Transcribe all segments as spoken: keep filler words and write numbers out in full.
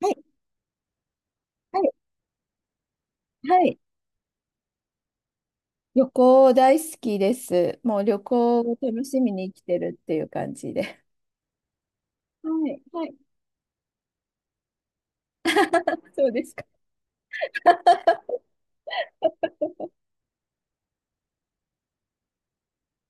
はい、はい、はい。旅行大好きです。もう旅行を楽しみに生きてるっていう感じで。はい、はい。そうですか。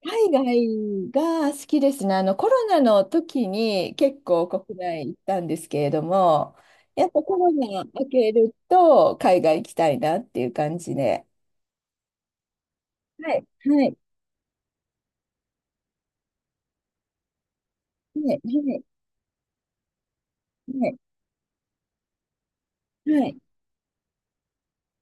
海外が好きですね。あの、コロナの時に結構国内行ったんですけれども、やっぱコロナ明けると海外行きたいなっていう感じで。はい、はい、はい、はい、はい。はい。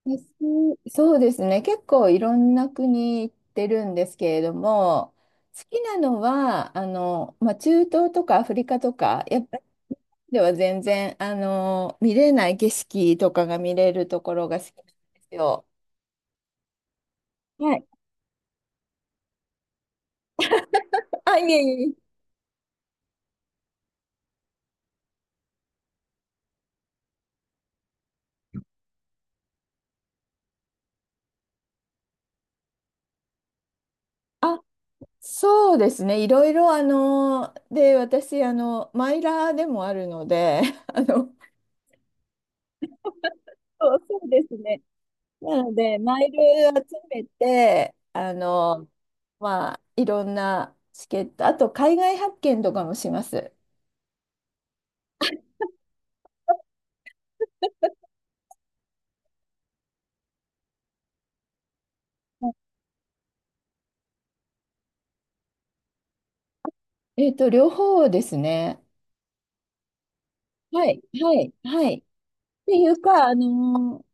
私、そうですね。結構いろんな国行ってるんですけれども、好きなのは、あの、まあ、中東とかアフリカとか、やっぱりでは全然、あの、見れない景色とかが見れるところが好きなんですよ。はい。あ、いえいえいえ。あ、そうですね。いろいろ、あの、で、私、あの、マイラーでもあるので、あの、そう、そうですね。なので、マイル集めて、あの、まあ、いろんなチケット、あと海外発見とかもします。えっと、両方ですね。はい、はい、はい。っていうか、あの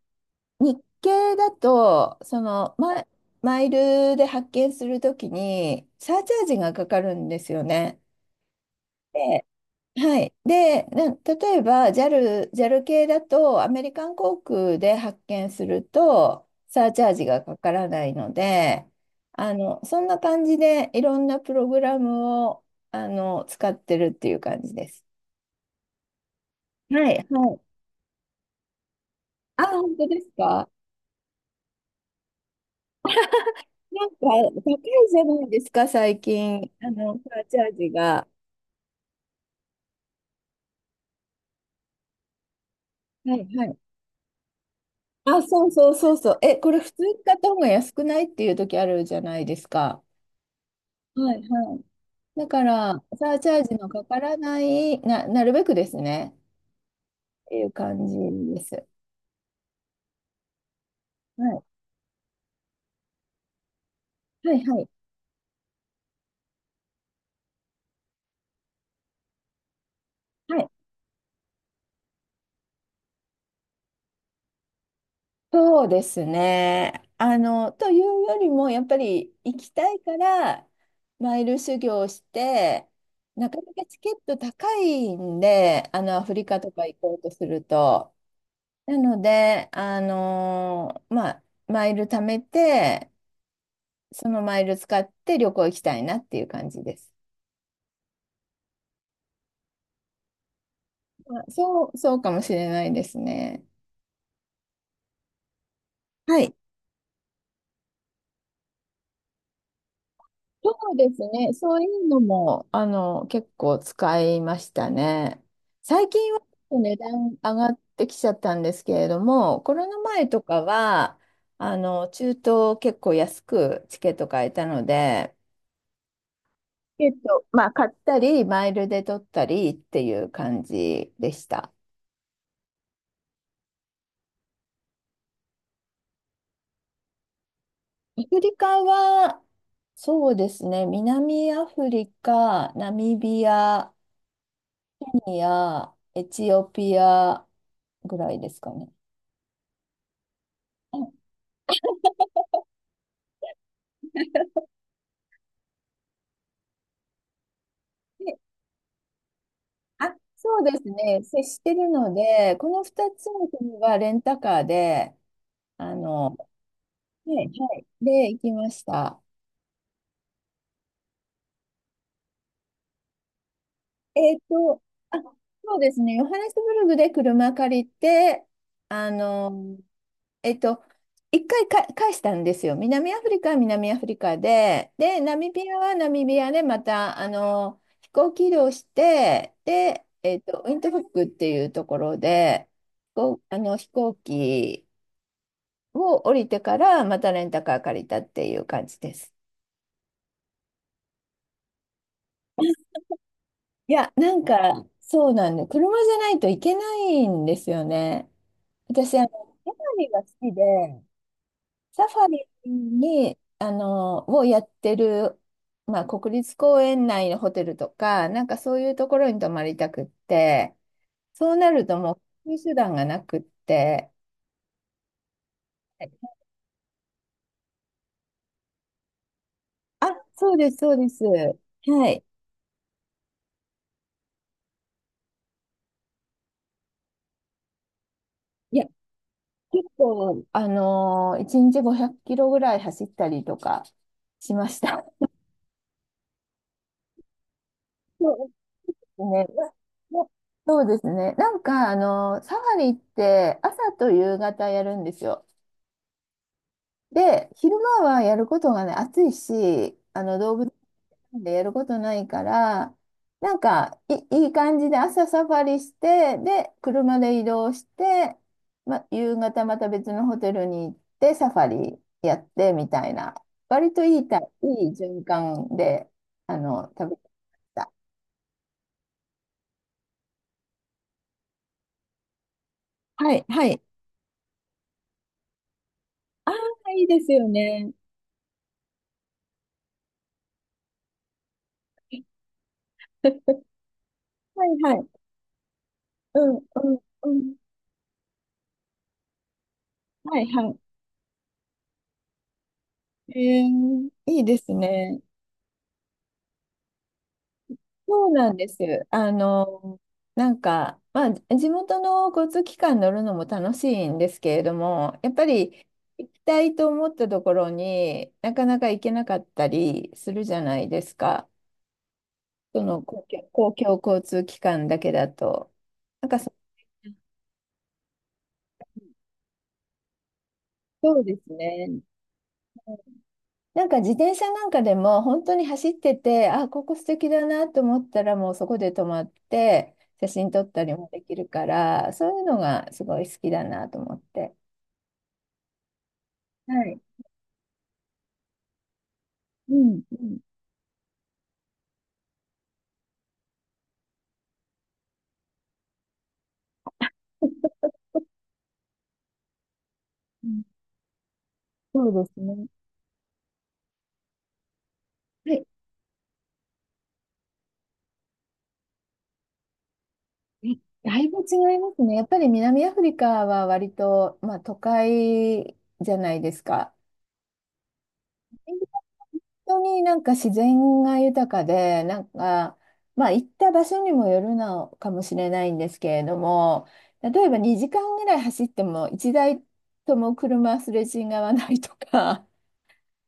ー、日系だと、その、マイマイルで発見するときに、サーチャージがかかるんですよね。で、はい。で、な例えば ジャル、ジャル系だとアメリカン航空で発券するとサーチャージがかからないので、あの、そんな感じでいろんなプログラムをあの使ってるっていう感じです。はい、はい。あ、本当ですか。なんか高いじゃないですか、最近。あの、サーチャージが。はい、はい。あ、そうそうそうそう。え、これ普通に買った方が安くないっていう時あるじゃないですか。はいはい。だから、サーチャージのかからない、な、なるべくですね、っていう感じです。はい、はい、はい、はい。そうですね。あの、というよりも、やっぱり行きたいから、マイル修行して、なかなかチケット高いんで、あの、アフリカとか行こうとすると。なので、あのまあ、マイル貯めて、そのマイル使って旅行行きたいなっていう感じです。あ、そう、そうかもしれないですね。はい。そうですね。そういうのも、あの、結構使いましたね。最近はちょっと値段上がってきちゃったんですけれども、コロナ前とかは、あの、中東結構安くチケット買えたので、チケット、まあ、買ったり、マイルで取ったりっていう感じでした。アフリカは、そうですね、南アフリカ、ナミビア、ニア、エチオピアぐらいですかね。うん。で、あ、そうですね。接してるので、このふたつの国はレンタカーで、あの、はい、はい、で、行きました。えっと、あ、そうですね。ヨハネスブルグで車借りて、あの、えっと、一回か返したんですよ。南アフリカは南アフリカで、で、ナミビアはナミビアで、また、あの、飛行機移動して、で、えっと、ウィントフックっていうところで、こう、あの、飛行機を降りてから、またレンタカー借りたっていう感じです。いや、なんか、そうなんで、車じゃないといけないんですよね。私、あの、ギャラリーが好きで、サファリに、あの、をやってる、まあ、国立公園内のホテルとか、なんかそういうところに泊まりたくって、そうなるともう、こういう手段がなくって、あ、そうです、そうです。はい。いや、結構、あのー、いちにちごひゃくキロぐらい走ったりとかしました。そうですね。ままそうですね。なんか、あのー、サファリって朝と夕方やるんですよ。で、昼間はやることがね、暑いし、あの動物園でやることないから、なんかい、いい感じで朝サファリして、で、車で移動して、ま、夕方また別のホテルに行ってサファリやってみたいな、割といいたいい循環で、あの、食べてた。はい、はい。ああ、いいですよね。はい、はい。うん、うん、うん。はい、はい。えー、いいですね。そうなんです。あの、なんか、まあ、地元の交通機関乗るのも楽しいんですけれども、やっぱり行きたいと思ったところになかなか行けなかったりするじゃないですか。その公共、公共交通機関だけだと。なんかそ、そうですね。なんか自転車なんかでも本当に走ってて、あ、ここ素敵だなと思ったらもうそこで止まって写真撮ったりもできるから、そういうのがすごい好きだなと思って。はい。うん、うん、うん。そうですね。はい。えだいぶ違いますね。やっぱり南アフリカは割と、まあ、都会じゃないですか。本当になんか自然が豊かで、なんか、まあ行った場所にもよるのかもしれないんですけれども、例えばにじかんぐらい走ってもいちだいとも車すれ違わないとか、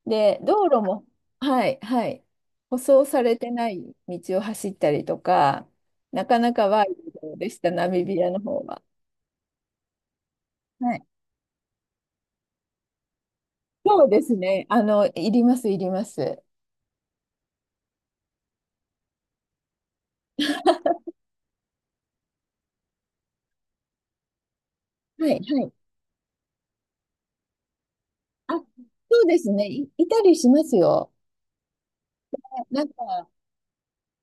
で、道路も、はい、はい、舗装されてない道を走ったりとか、なかなかワイルドでした、ナミビアの方は。はい。そうですね。あの、いります、いります。はい、はい。あ、そうですね。い、いたりしますよ。なんか、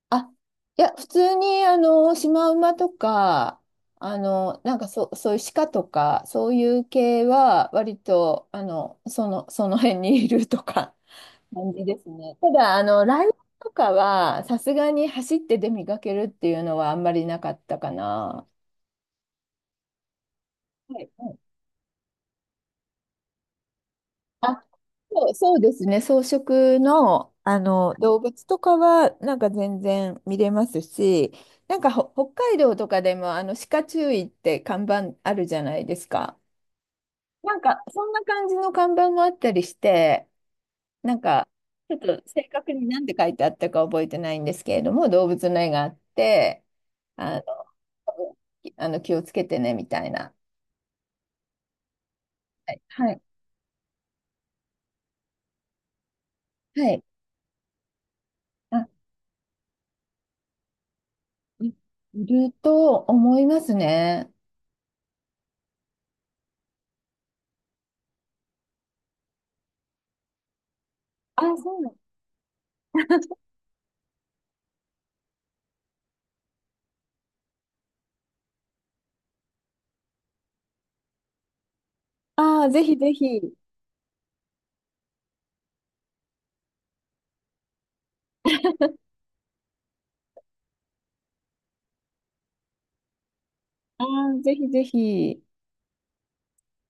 あ、いや、普通に、あの、シマウマとか、あの、なんかそそういう鹿とか、そういう系は、割と、あの、その、その辺にいるとか。感じですね。ただ、あの、ライブとかは、さすがに走って出見かけるっていうのはあんまりなかったかな。はいはい。あ、そう、そうですね。草食の、あの動物とかはなんか全然見れますし、なんかほ北海道とかでもあの鹿注意って看板あるじゃないですか。なんかそんな感じの看板もあったりして、なんか、ちょっと正確に何て書いてあったか覚えてないんですけれども、動物の絵があって、あの、あの気をつけてね、みたいな。はい。はい。はい。あ、いいると思いますね。あ、そうなの。ああ、ぜひぜひ。ああ、ぜひぜひ。